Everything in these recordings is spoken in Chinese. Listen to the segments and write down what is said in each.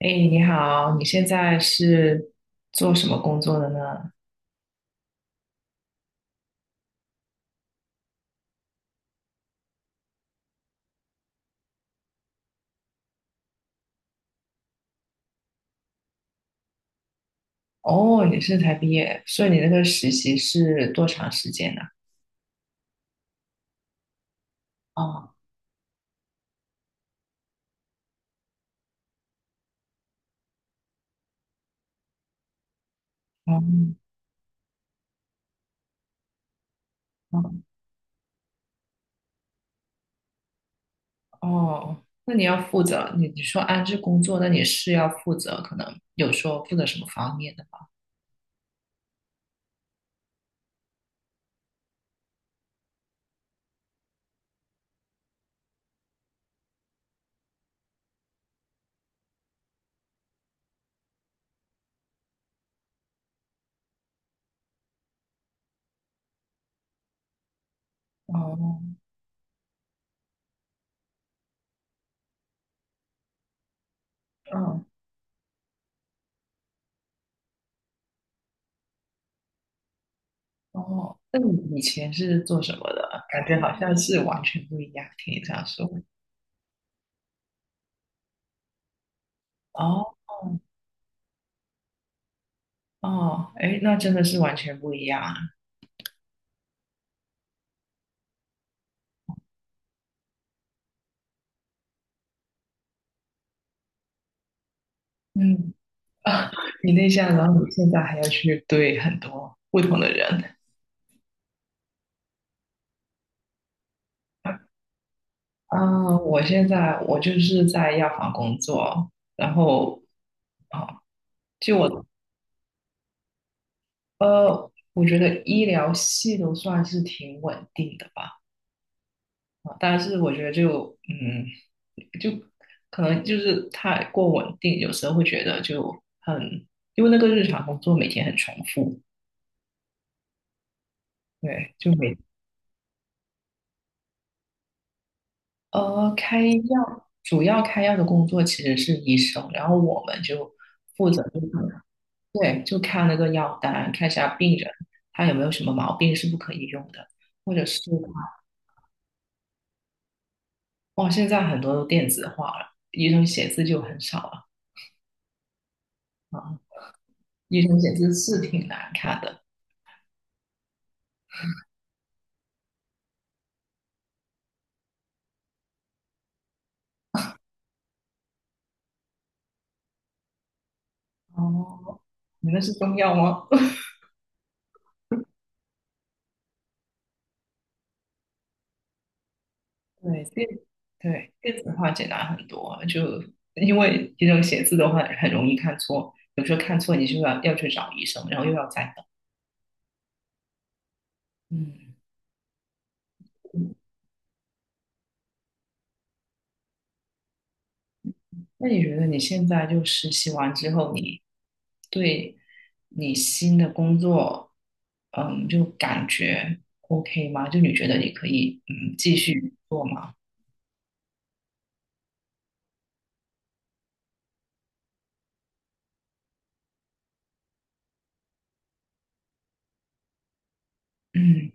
哎，你好，你现在是做什么工作的呢？哦，你是才毕业，所以你那个实习是多长时间呢？哦，哦，哦，哦，那你要负责，你说安置工作，那你是要负责，可能有说负责什么方面的吗？哦，哦，哦，那你以前是做什么的？感觉好像是完全不一样，听你这样说。哦，哦，哎，那真的是完全不一样啊。嗯。 啊，你内向，然后你现在还要去对很多不同的人。啊，我现在我就是在药房工作，然后啊，我觉得医疗系都算是挺稳定的吧。啊，但是我觉得就可能就是太过稳定，有时候会觉得就很，因为那个日常工作每天很重复。对，开药，主要开药的工作其实是医生，然后我们就负责就可能。对，就看那个药单，看一下病人他有没有什么毛病是不可以用的，或者是。哦，现在很多都电子化了，医生写字就很少了。啊，医生写字是挺难看的。哦，你那是中药吗？对，电对，电子化简单很多，就因为这种写字的话很容易看错，有时候看错你就要去找医生，然后又要再等。嗯，那你觉得你现在就实习完之后，你对你新的工作，嗯，就感觉 OK 吗？就你觉得你可以继续做吗？嗯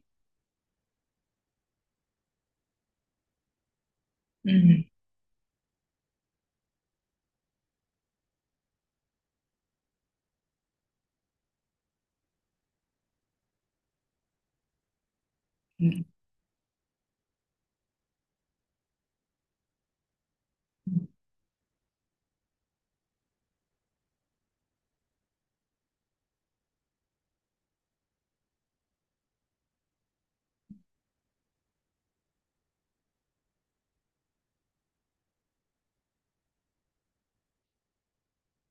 嗯嗯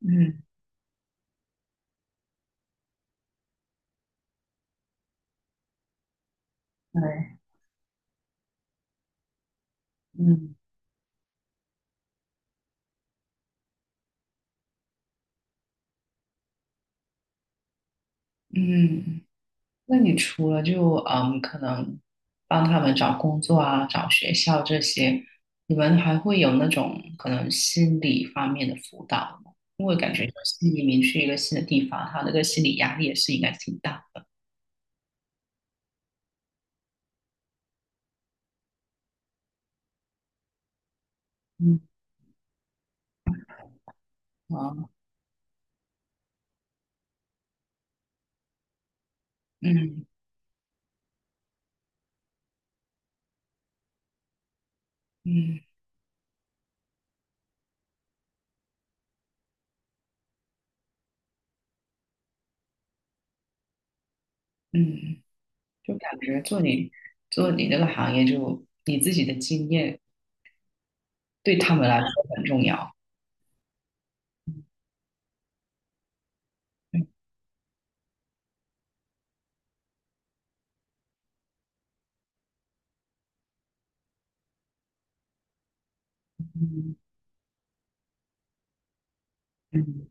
嗯，对，嗯嗯。那你除了可能帮他们找工作啊、找学校这些，你们还会有那种可能心理方面的辅导吗？因为感觉新移民去一个新的地方，他那个心理压力也是应该挺大的。嗯啊，嗯嗯嗯，就感觉做你这个行业就，你自己的经验对他们来说很重要。嗯嗯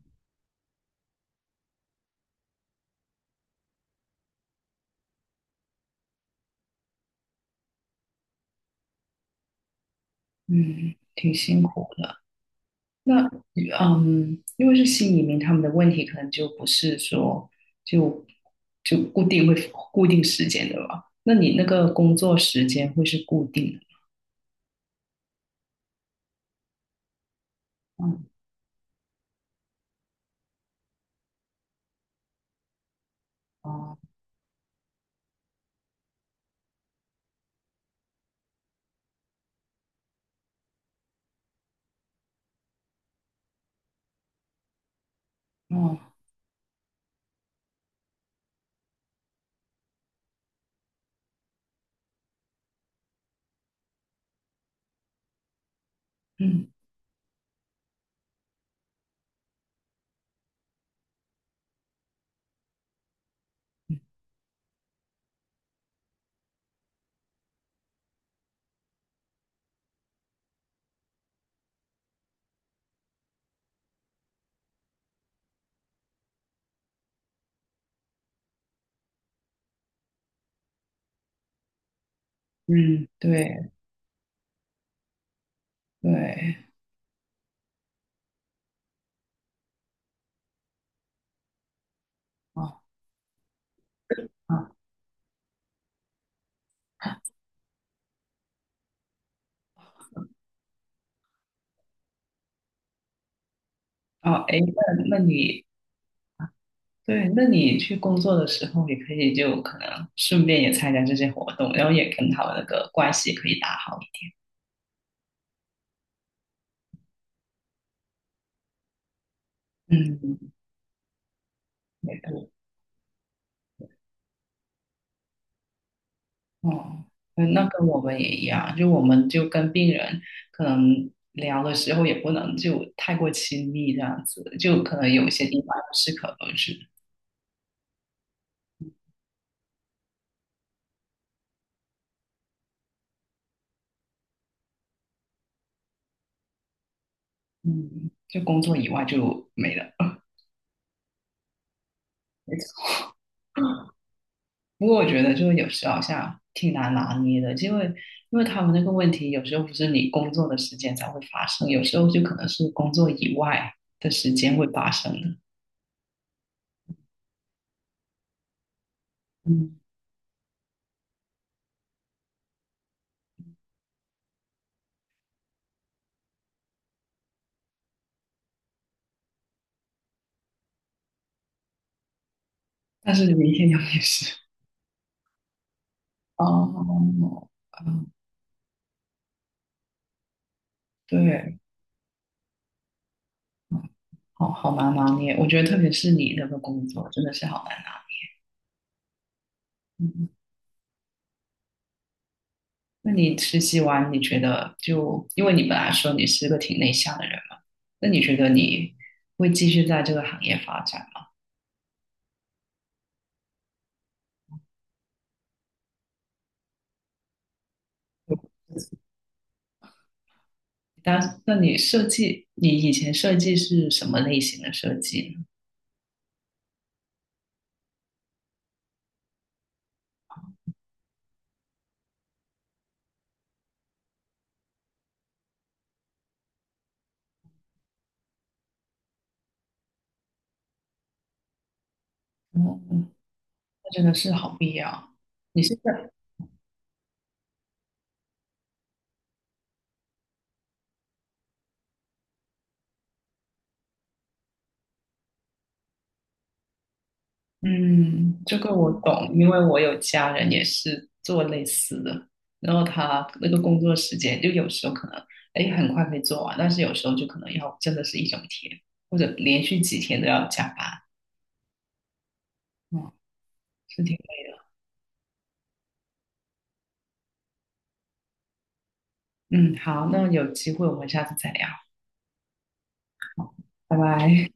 嗯，挺辛苦的。那因为是新移民，他们的问题可能就不是说就就固定时间的吧？那你那个工作时间会是固定的。嗯，哦哦嗯嗯，对对哦哦哦，哎，那你对，那你去工作的时候，也可以就可能顺便也参加这些活动，然后也跟他们那个关系可以打好一点。嗯，没错。哦，那跟我们也一样，就我们就跟病人可能聊的时候也不能就太过亲密这样子，就可能有一些地方要适可而止。嗯，就工作以外就没了。没错。不过我觉得就是有时候好像挺难拿捏的，因为他们那个问题有时候不是你工作的时间才会发生，有时候就可能是工作以外的时间会发生的。嗯，但是明天又没事。哦，嗯，对。好难拿捏。我觉得特别是你那个工作真的是好难拿。嗯，那你实习完，你觉得就因为你本来说你是个挺内向的人嘛，那你觉得你会继续在这个行业发展吗？但那你设计，你以前设计是什么类型的设计呢？嗯，那真的是好必要。你是在。嗯，这个我懂，因为我有家人也是做类似的，然后他那个工作时间就有时候可能，哎，很快可以做完，但是有时候就可能要真的是一整天，或者连续几天都要加班，嗯，是挺累的。嗯，好，那有机会我们下次再聊，拜拜。